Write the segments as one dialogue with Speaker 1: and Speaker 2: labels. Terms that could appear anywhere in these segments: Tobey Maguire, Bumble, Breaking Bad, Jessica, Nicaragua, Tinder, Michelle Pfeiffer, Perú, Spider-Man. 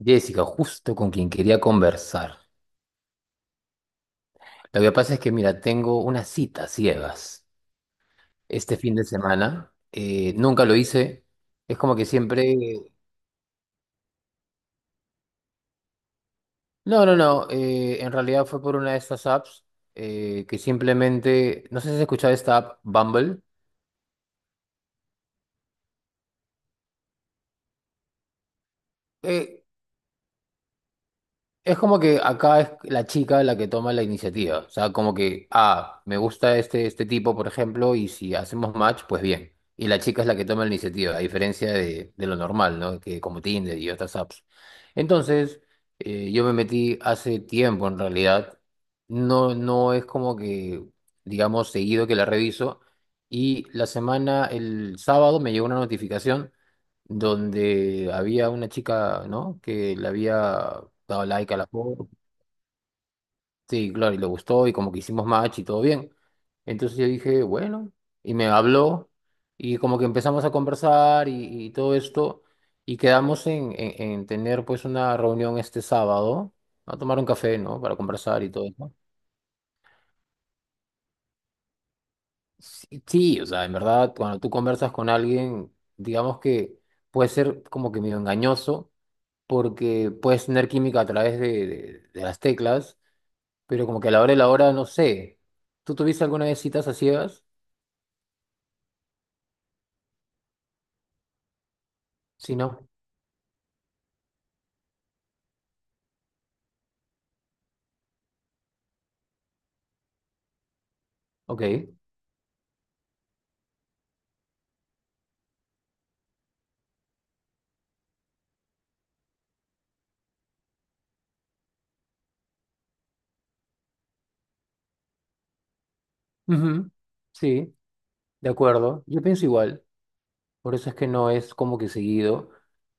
Speaker 1: Jessica, justo con quien quería conversar. Lo que pasa es que, mira, tengo una cita a ciegas este fin de semana. Nunca lo hice. Es como que siempre... No, no, no. En realidad fue por una de estas apps que simplemente... No sé si has escuchado esta app, Bumble. Eh, Es como que acá es la chica la que toma la iniciativa. O sea, como que, ah, me gusta este tipo, por ejemplo, y si hacemos match, pues bien. Y la chica es la que toma la iniciativa, a diferencia de lo normal, ¿no? Que como Tinder y otras apps. Entonces, yo me metí hace tiempo en realidad. No, no es como que, digamos, seguido que la reviso. Y la semana, el sábado, me llegó una notificación donde había una chica, ¿no? Que le había dado like a la foto. Sí, claro, y le gustó y como que hicimos match y todo bien. Entonces yo dije, bueno, y me habló y como que empezamos a conversar y todo esto y quedamos en tener pues una reunión este sábado, a tomar un café, ¿no? Para conversar y todo eso. Sí, sí, o sea, en verdad, cuando tú conversas con alguien, digamos que puede ser como que medio engañoso porque puedes tener química a través de las teclas, pero como que a la hora de la hora, no sé. ¿Tú tuviste alguna vez citas a ciegas? Si Sí. No, ok. Ujú. Sí, de acuerdo. Yo pienso igual, por eso es que no es como que seguido.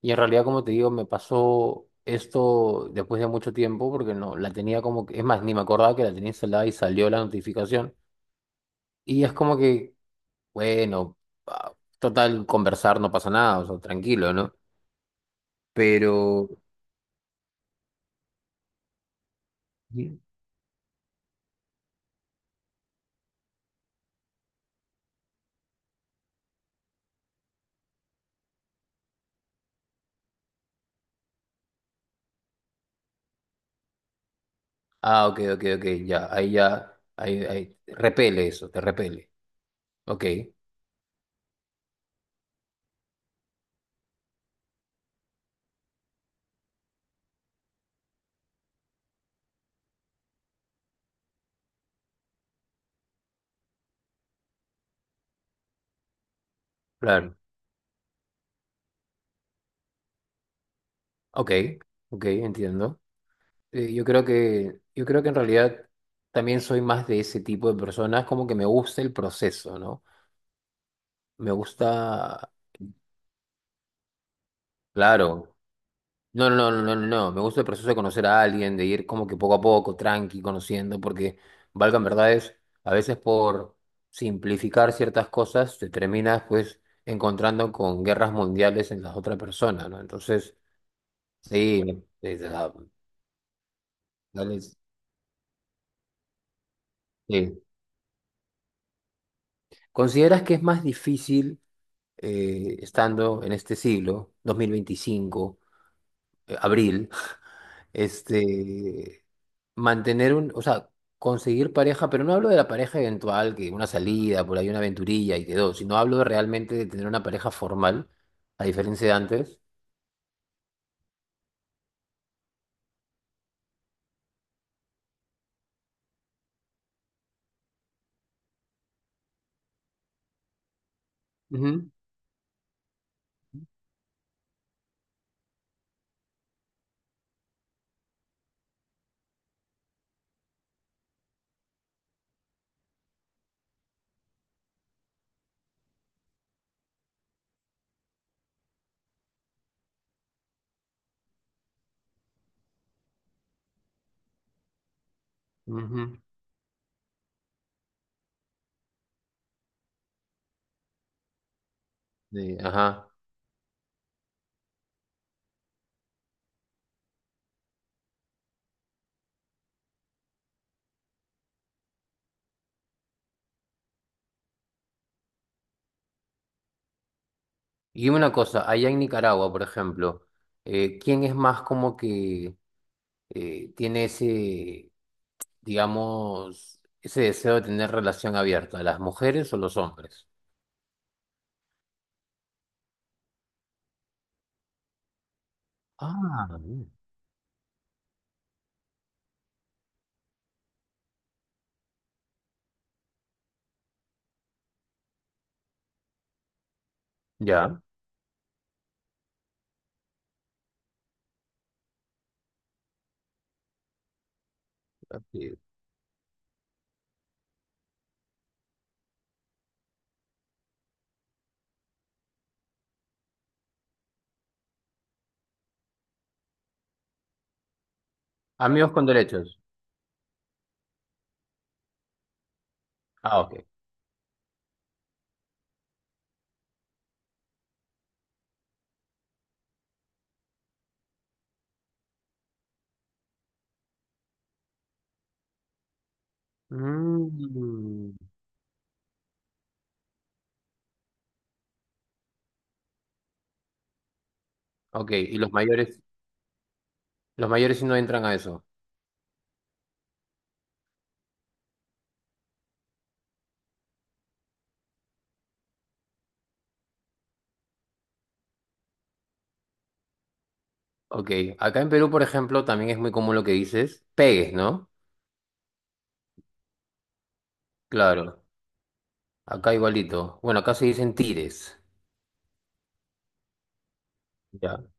Speaker 1: Y en realidad, como te digo, me pasó esto después de mucho tiempo, porque no, la tenía como que, es más, ni me acordaba que la tenía instalada y salió la notificación. Y es como que, bueno, ah, total, conversar no pasa nada, o sea, tranquilo, ¿no? Pero... Ah, ok, ok, ok, ya, ahí, ahí, repele eso, te repele. Ok, claro, ok, ok, entiendo. Yo creo que en realidad también soy más de ese tipo de personas, como que me gusta el proceso, ¿no? Me gusta, claro, no, no, no, no, no, no. Me gusta el proceso de conocer a alguien, de ir como que poco a poco, tranqui, conociendo, porque valgan verdades, a veces por simplificar ciertas cosas te terminas pues encontrando con guerras mundiales en las otras personas, ¿no? Entonces, sí, dale, sí. ¿Consideras que es más difícil estando en este siglo, 2025, abril? Este, mantener un, o sea, conseguir pareja, pero no hablo de la pareja eventual, que una salida, por ahí una aventurilla y quedó, sino hablo realmente de tener una pareja formal, a diferencia de antes. Ujú, ujú. Ajá. Y dime una cosa, allá en Nicaragua, por ejemplo, ¿quién es más como que tiene ese, digamos, ese deseo de tener relación abierta, las mujeres o los hombres? Ah, bien. Ya. Sí. Amigos con derechos. Ah, ok. Mm. Ok, y los mayores sí no entran a eso. Ok, acá en Perú, por ejemplo, también es muy común lo que dices, pegues, ¿no? Claro, acá igualito. Bueno, acá se dicen tires. Ya.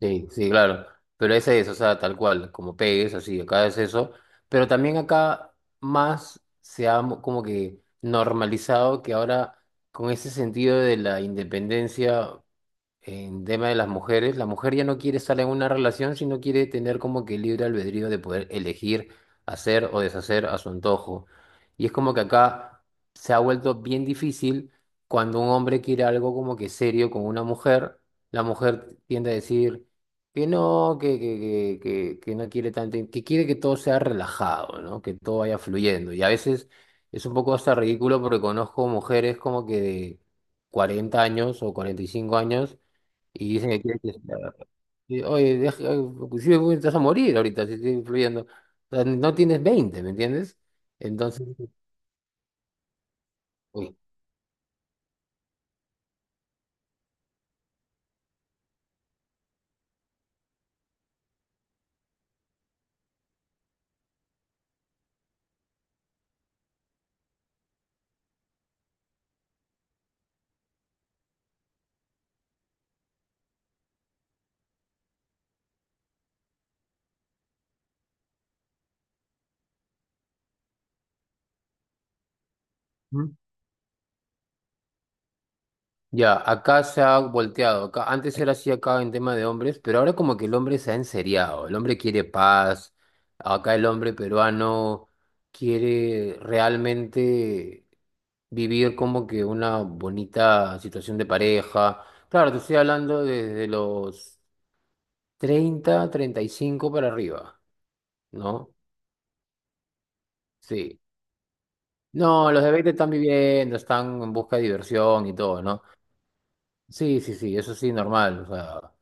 Speaker 1: Sí, sí, claro. Pero ese es, o sea, tal cual, como pegues, así, acá es eso. Pero también acá más se ha como que normalizado que ahora, con ese sentido de la independencia. En tema de las mujeres, la mujer ya no quiere estar en una relación, sino quiere tener como que libre albedrío de poder elegir hacer o deshacer a su antojo. Y es como que acá se ha vuelto bien difícil cuando un hombre quiere algo como que serio con una mujer, la mujer tiende a decir que no, que no quiere tanto, que quiere que todo sea relajado, ¿no? Que todo vaya fluyendo. Y a veces es un poco hasta ridículo porque conozco mujeres como que de 40 años o 45 años y dicen que quieren que y, oye, inclusive güey, te vas a morir ahorita si sigues influyendo. O sea, no tienes 20, ¿me entiendes? Entonces, uy. Ujú. Ya, acá se ha volteado. Acá, antes era así acá en tema de hombres, pero ahora como que el hombre se ha enseriado. El hombre quiere paz. Acá el hombre peruano quiere realmente vivir como que una bonita situación de pareja. Claro, te estoy hablando desde los 30, 35 para arriba, ¿no? Sí. No, los de 20 están viviendo, están en busca de diversión y todo, ¿no? Sí, sí, sí, eso sí, normal. O sea,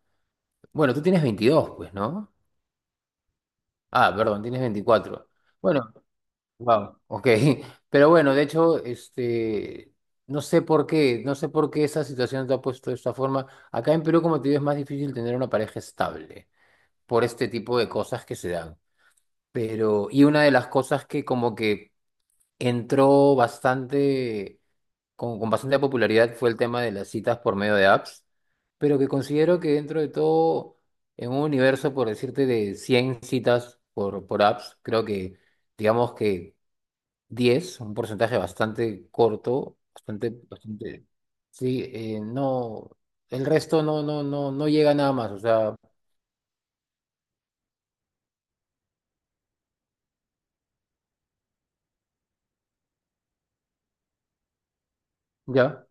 Speaker 1: bueno, tú tienes 22 pues, ¿no? Ah, perdón, tienes 24. Bueno, wow, ok. Pero bueno, de hecho, este, no sé por qué esa situación te ha puesto de esta forma. Acá en Perú, como te digo, es más difícil tener una pareja estable por este tipo de cosas que se dan. Pero, y una de las cosas que como que entró bastante con bastante popularidad fue el tema de las citas por medio de apps, pero que considero que dentro de todo, en un universo, por decirte, de 100 citas por apps, creo que, digamos que 10, un porcentaje bastante corto, bastante, bastante, sí, no, el resto no llega nada más, o sea, ¿ya?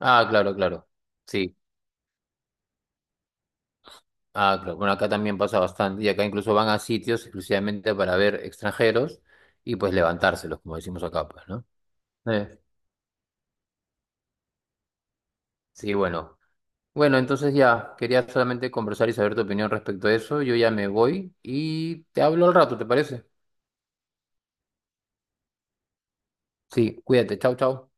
Speaker 1: Ah, claro, claro, sí. Ah, claro. Bueno, acá también pasa bastante y acá incluso van a sitios exclusivamente para ver extranjeros y pues levantárselos, como decimos acá, pues, ¿no? Eh, sí, bueno. Bueno, entonces ya, quería solamente conversar y saber tu opinión respecto a eso. Yo ya me voy y te hablo al rato, ¿te parece? Sí, cuídate. Chau, chau.